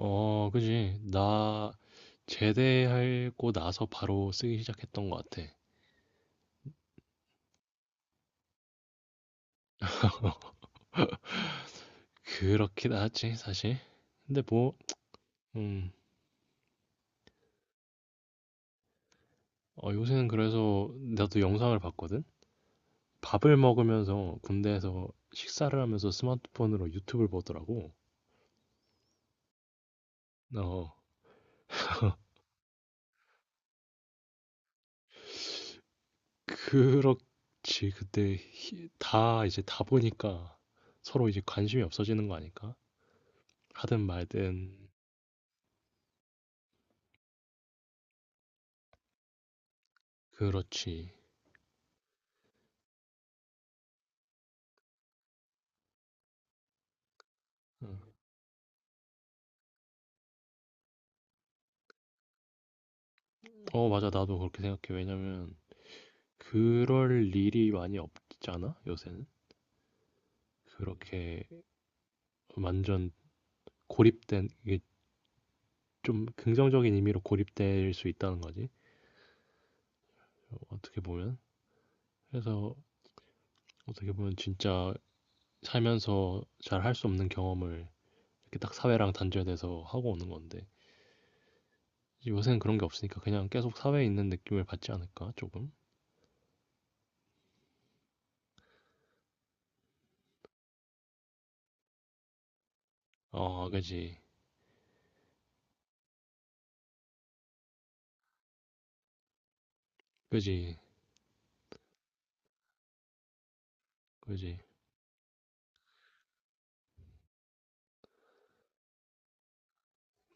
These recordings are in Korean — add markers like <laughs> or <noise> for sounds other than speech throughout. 어, 그지. 나 제대하고 나서 바로 쓰기 시작했던 것 같아. <laughs> 그렇긴 하지, 사실. 근데 뭐, 음, 요새는 그래서 나도 영상을 봤거든? 밥을 먹으면서 군대에서 식사를 하면서 스마트폰으로 유튜브를 보더라고. 어, 그렇지. 그때 다 이제 다 보니까 서로 이제 관심이 없어지는 거 아닐까? 하든 말든, 그렇지. 어, 어, 맞아. 나도 그렇게 생각해. 왜냐면, 그럴 일이 많이 없잖아, 요새는. 그렇게 완전 고립된, 이게 좀 긍정적인 의미로 고립될 수 있다는 거지. 어떻게 보면. 그래서 어떻게 보면 진짜 살면서 잘 할 수 없는 경험을 이렇게 딱 사회랑 단절돼서 하고 오는 건데. 요새는 그런 게 없으니까 그냥 계속 사회에 있는 느낌을 받지 않을까, 조금? 어, 그지. 그지. 그지.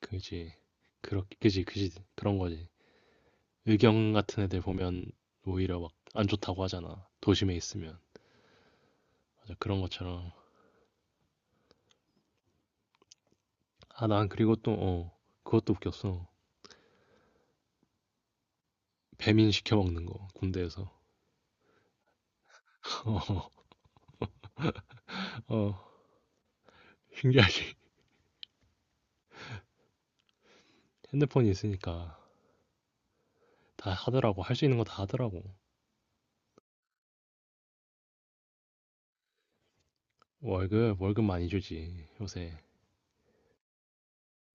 그지. 그렇게, 그지. 그지. 그런 거지. 의경 같은 애들 보면 오히려 막 안 좋다고 하잖아. 도심에 있으면. 맞아, 그런 것처럼. 아, 난 그리고 또, 어, 그것도 웃겼어. 배민 시켜 먹는 거, 군대에서. <laughs> 어, 어, 신기하지. 핸드폰이 있으니까 다 하더라고. 할 수 있는 거 다 하더라고. 월급, 월급 많이 주지, 요새.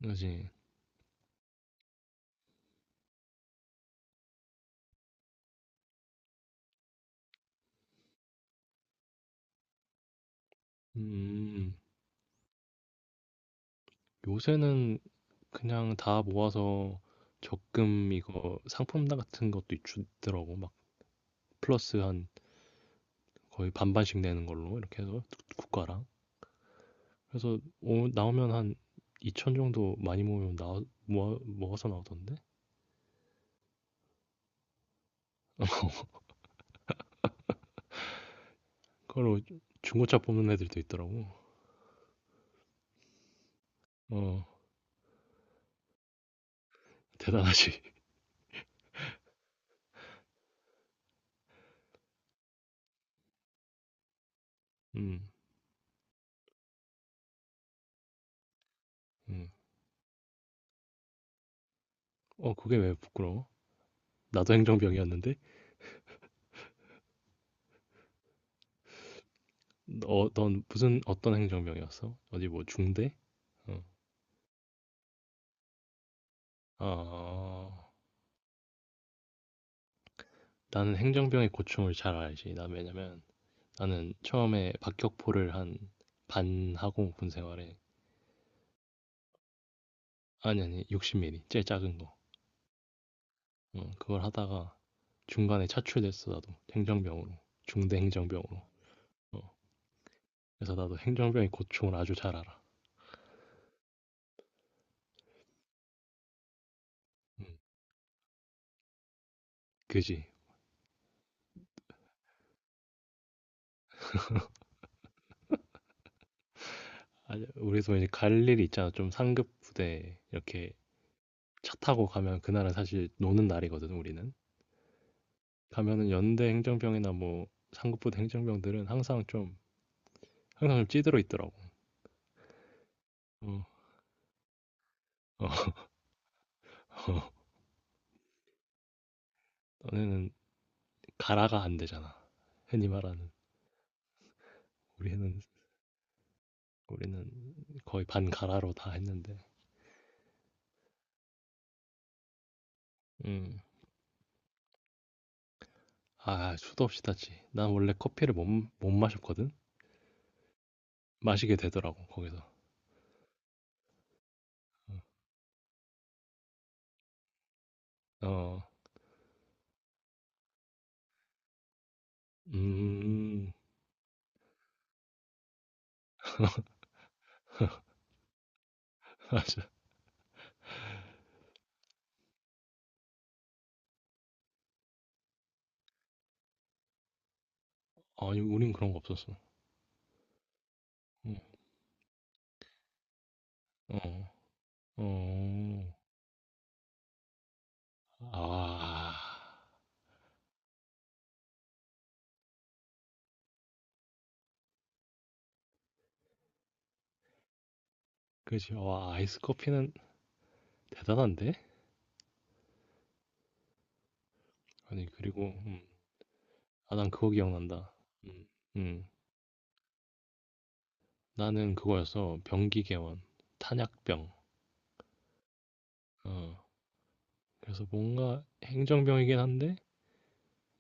그지? 음, 요새는 그냥 다 모아서 적금 이거 상품 같은 것도 주더라고. 막 플러스 한 거의 반반씩 내는 걸로 이렇게 해서 가랑 그래서 나오면 한 2천 정도 많이 모으면 나 모아서 나오던데 그걸로 중고차 뽑는 애들도 있더라고. 어, 대단하지. <laughs> 음, 음. 어, 그게 왜 부끄러워. 나도 행정병이었는데. 어, 넌 무슨 어떤 행정병이었어? 어디 뭐 중대. 어. 아, 나는 행정병의 고충을 잘 알지. 나 왜냐면 나는 처음에 박격포를 한 반 하고 군 생활에 아니 아니 60mm 제일 작은. 어, 그걸 하다가 중간에 차출됐어, 나도. 행정병으로. 중대 행정병으로. 어. 그래서 나도 행정병의 고충을 아주 잘 알아. 음, 그지. 아, 우리도 이제 갈 일이 있잖아. 좀 상급 부대 이렇게 차 타고 가면 그날은 사실 노는 날이거든, 우리는. 가면은 연대 행정병이나 뭐 상급 부대 행정병들은 항상 좀, 항상 좀 찌들어 있더라고. 어, 어, <laughs> 너네는 가라가 안 되잖아. 흔히 말하는. 우리는, 우리는 거의 반 가라로 다 했는데. 음. 아, 수도 없이 탔지. 난 원래 커피를 못 마셨거든. 마시게 되더라고 거기서. 어. 어. 음. 아니 우린 그런 거 없었어. 응. 어. 어. 아. 그지. 와, 아이스 커피는 대단한데? 아니 그리고 아, 난 그거 기억난다. 음. 음. 나는 그거였어. 병기계원. 탄약병. 어. 그래서 뭔가 행정병이긴 한데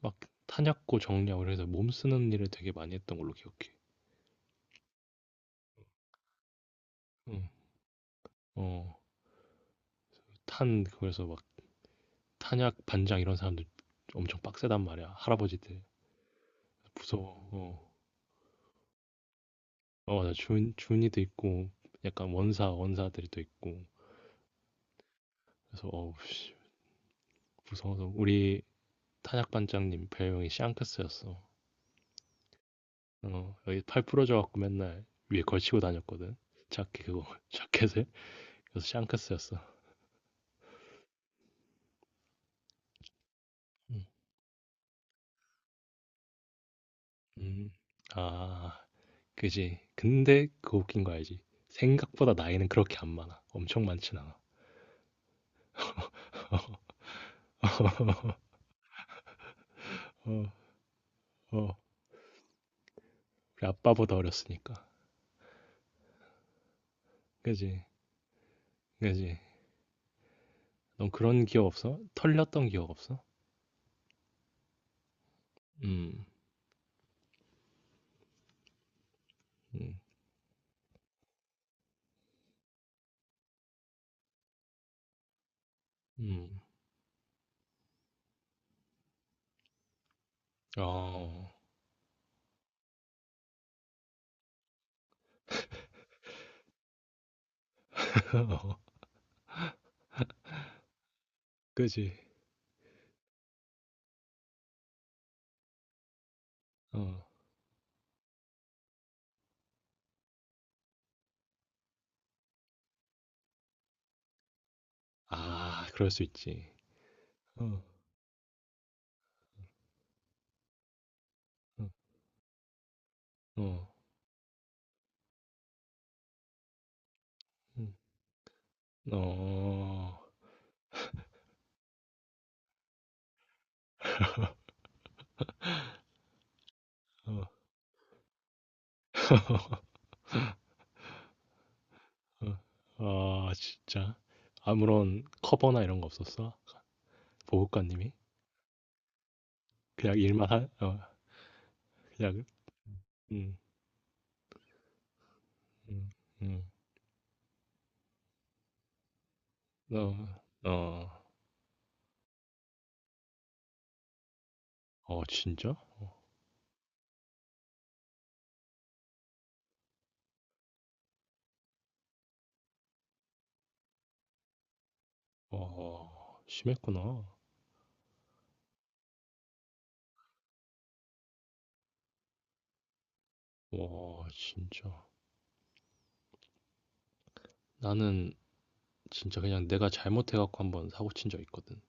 막 탄약고 정리하고 그래서 몸 쓰는 일을 되게 많이 했던 걸로 기억해. 어. 어, 그래서 막 탄약 반장 이런 사람들 엄청 빡세단 말이야. 할아버지들. 무서워. 어, 어 맞아. 준이도 있고, 약간 원사들이 또 있고. 그래서, 어우, 씨, 무서워서. 우리 탄약 반장님 별명이 샹크스였어. 어, 여기 팔 부러져갖고 맨날 위에 걸치고 다녔거든. 자켓 그거, <laughs> 자켓을. 그래서 샹크스였어. 음, 음. 아, 그지. 근데 그 웃긴 거 알지? 생각보다 나이는 그렇게 안 많아. 엄청 많진 않아. 어, 어, 우리 아빠보다 어렸으니까. 그지, 그지. 넌 그런 기억 없어? 털렸던 기억 없어? 음, 음, 음. 어, <laughs> 그지. 어, 아, 그럴 수 있지. 어, 어, 어, 음, 어, 어, 어. 아, 진짜. 아무런 커버나 이런 거 없었어? 보호관님이? 그냥 일만 한, 어, 그냥, 음, 음, 음. 어, 어, 어, 진짜? 와, 심했구나. 와, 진짜. 나는 진짜 그냥 내가 잘못해갖고 한번 사고 친 적 있거든.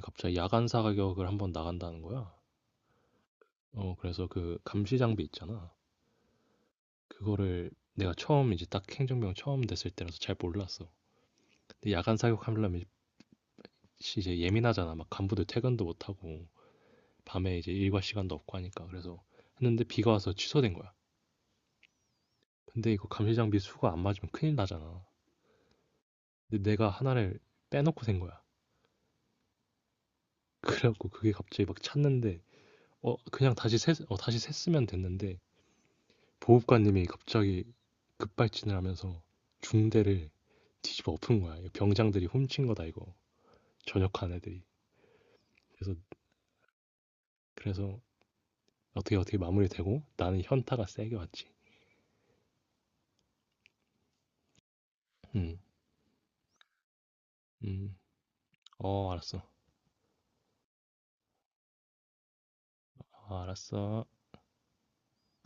갑자기 야간사 격을 한번 나간다는 거야. 어, 그래서 그 감시 장비 있잖아. 그거를 내가 처음 이제 딱 행정병 처음 됐을 때라서 잘 몰랐어. 근데 야간 사격하려면 이제 예민하잖아. 막 간부들 퇴근도 못하고 밤에 이제 일과 시간도 없고 하니까. 그래서 했는데 비가 와서 취소된 거야. 근데 이거 감시 장비 수가 안 맞으면 큰일 나잖아. 근데 내가 하나를 빼놓고 산 거야. 그래갖고 그게 갑자기 막 찾는데 어 그냥 다시 샜, 어 다시 샜으면 됐는데 보호관님이 갑자기 급발진을 하면서 중대를 뒤집어 엎은 거야. 이거 병장들이 훔친 거다 이거. 전역한 애들이. 그래서 그래서 어떻게 마무리되고 나는 현타가 세게 왔지. 음. 음. 어, 알았어. 어, 알았어.